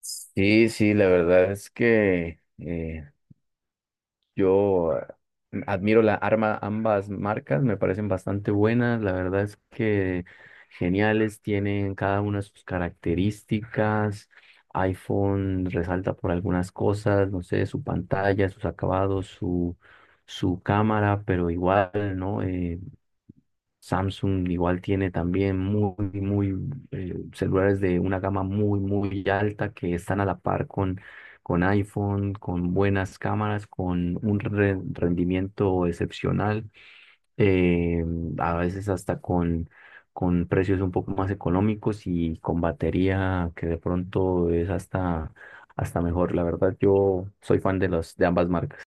Sí, sí, la verdad es que yo admiro la arma, ambas marcas, me parecen bastante buenas, la verdad es que geniales, tienen cada una sus características, iPhone resalta por algunas cosas, no sé, su pantalla, sus acabados, su cámara, pero igual, ¿no? Samsung igual tiene también muy celulares de una gama muy alta que están a la par con iPhone, con buenas cámaras, con un rendimiento excepcional, eh, a veces hasta con precios un poco más económicos y con batería que de pronto es hasta mejor. La verdad, yo soy fan de de ambas marcas.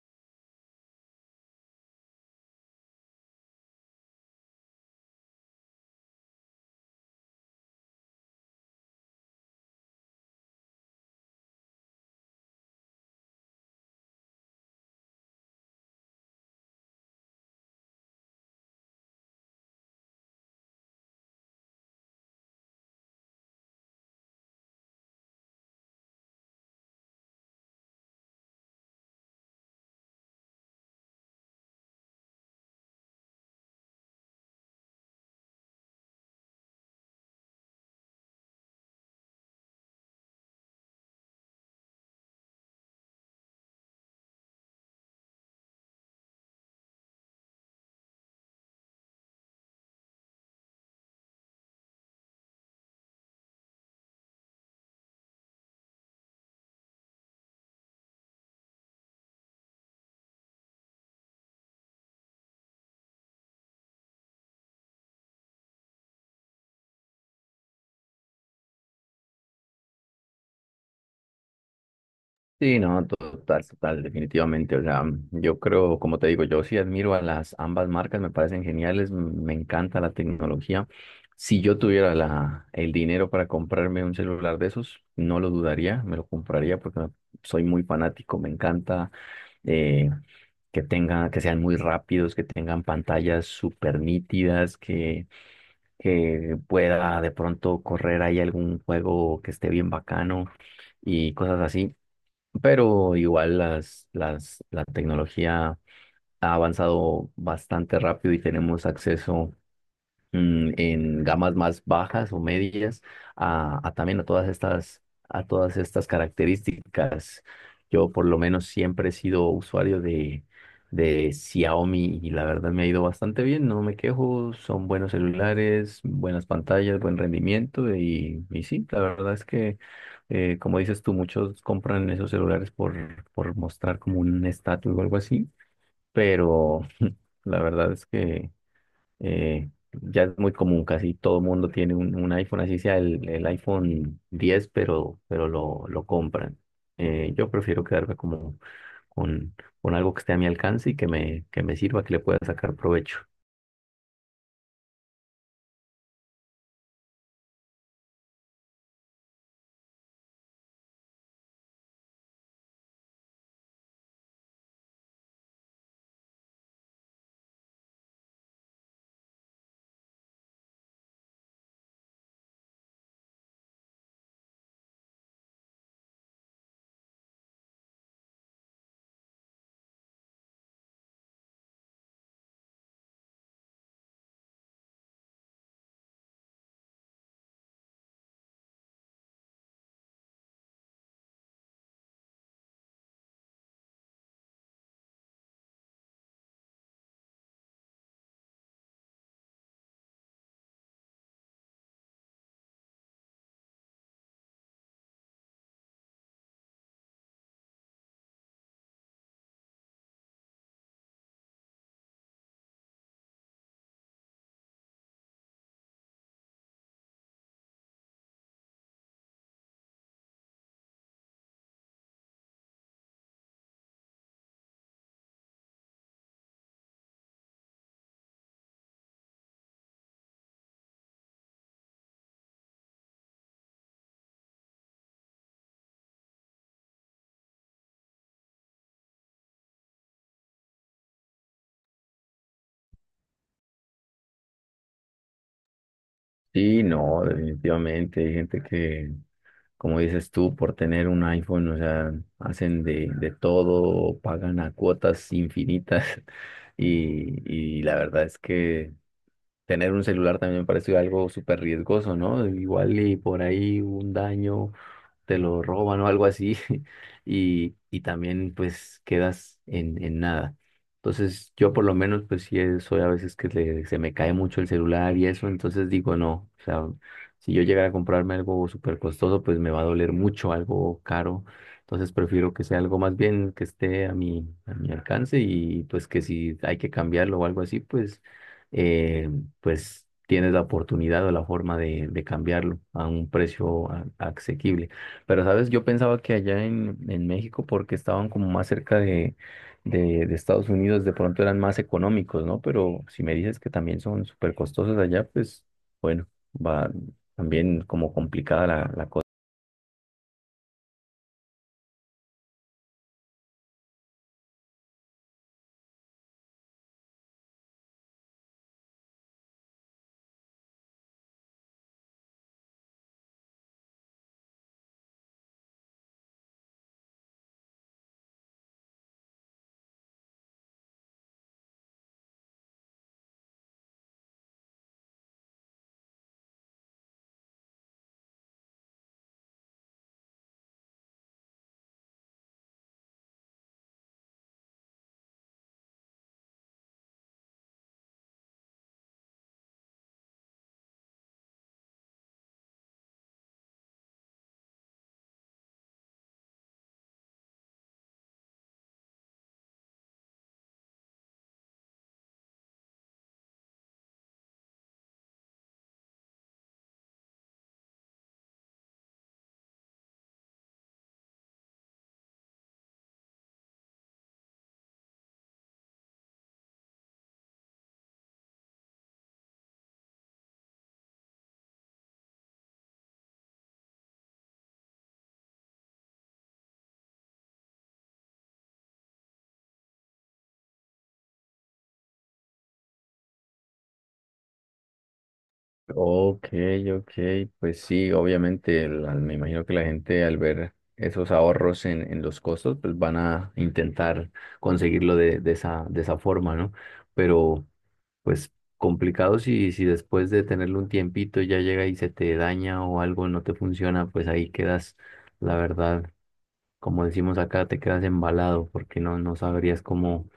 Sí, no, total, total, definitivamente. O sea, yo creo, como te digo, yo sí admiro a las ambas marcas, me parecen geniales, me encanta la tecnología. Si yo tuviera el dinero para comprarme un celular de esos, no lo dudaría, me lo compraría porque soy muy fanático, me encanta eh, que tenga, que sean muy rápidos, que tengan pantallas súper nítidas, que pueda de pronto correr ahí algún juego que esté bien bacano y cosas así pero igual la tecnología ha avanzado bastante rápido y tenemos acceso en gamas más bajas o medias a también a a todas estas características. Yo por lo menos siempre he sido usuario de Xiaomi y la verdad me ha ido bastante bien, no me quejo, son buenos celulares, buenas pantallas, buen rendimiento y sí, la verdad es que como dices tú, muchos compran esos celulares por mostrar como un estatus o algo así, pero la verdad es que... Eh, ya es muy común, casi todo mundo tiene un iPhone, así sea el iPhone 10 pero lo compran. Yo prefiero quedarme como con, con algo que esté a mi alcance y que que me sirva, que le pueda sacar provecho. Sí, no, definitivamente hay gente que, como dices tú, por tener un iPhone, o sea, hacen de todo, pagan a cuotas infinitas y la verdad es que tener un celular también me pareció algo súper riesgoso, ¿no? Igual y por ahí un daño te lo roban o algo así y también pues quedas en nada. Entonces yo por lo menos pues sí soy a veces que se me cae mucho el celular y eso, entonces digo no, o sea, si yo llegara a comprarme algo súper costoso pues me va a doler mucho, algo caro, entonces prefiero que sea algo más bien que esté a a mi alcance y pues que si hay que cambiarlo o algo así pues, eh, pues tienes la oportunidad o la forma de cambiarlo a un precio asequible. Pero, ¿sabes? Yo pensaba que allá en México, porque estaban como más cerca de Estados Unidos, de pronto eran más económicos, ¿no? Pero si me dices que también son súper costosos allá, pues bueno, va también como complicada la cosa. Ok, ok, pues sí, obviamente me imagino que la gente al ver esos ahorros en los costos, pues van a intentar conseguirlo de esa forma, ¿no? Pero... Pues complicado si, si después de tenerlo un tiempito ya llega y se te daña o algo no te funciona, pues ahí quedas, la verdad, como decimos acá, te quedas embalado porque no, no sabrías cómo,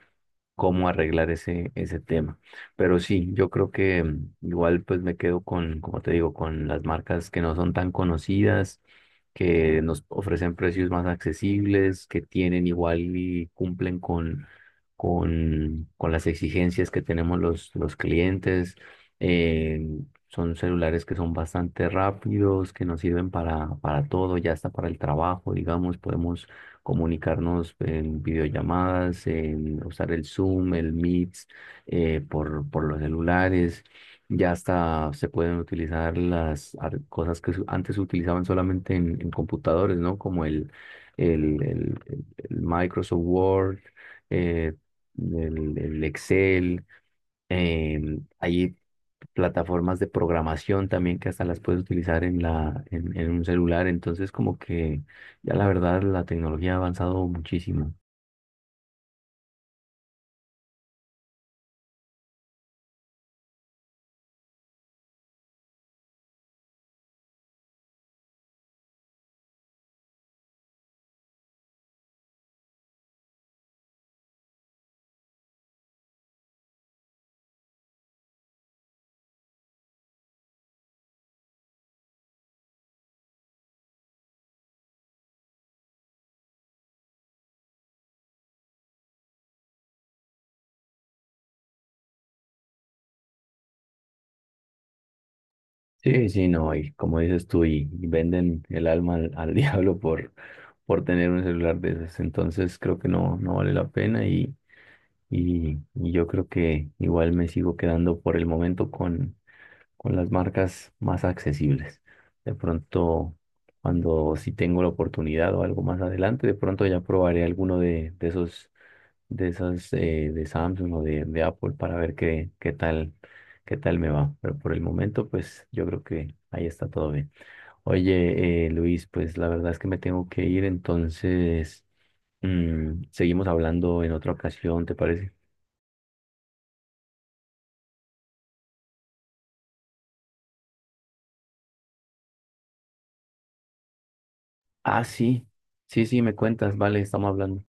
cómo arreglar ese tema. Pero sí, yo creo que igual pues me quedo con, como te digo, con las marcas que no son tan conocidas, que nos ofrecen precios más accesibles, que tienen igual y cumplen con las exigencias que tenemos los clientes. Eh, son celulares que son bastante rápidos, que nos sirven para todo, ya hasta para el trabajo, digamos, podemos comunicarnos en videollamadas, en usar el Zoom, el Meet, por los celulares. Ya hasta se pueden utilizar las cosas que antes se utilizaban solamente en computadores, ¿no? Como el Microsoft Word, eh, el Excel. Eh, hay plataformas de programación también que hasta las puedes utilizar en en un celular. Entonces, como que ya la verdad la tecnología ha avanzado muchísimo. Sí, sí, no, y como dices tú, y venden el alma al diablo por tener un celular de esos. Entonces creo que no, no vale la pena y, y yo creo que igual me sigo quedando por el momento con las marcas más accesibles. De pronto, cuando si tengo la oportunidad o algo más adelante, de pronto ya probaré alguno de esos, de esas de Samsung o de Apple para ver qué, qué tal me va. Pero por el momento, pues yo creo que ahí está todo bien. Oye, Luis, pues la verdad es que me tengo que ir, entonces seguimos hablando en otra ocasión, ¿te parece? Ah, sí, sí, sí, me cuentas, vale, estamos hablando.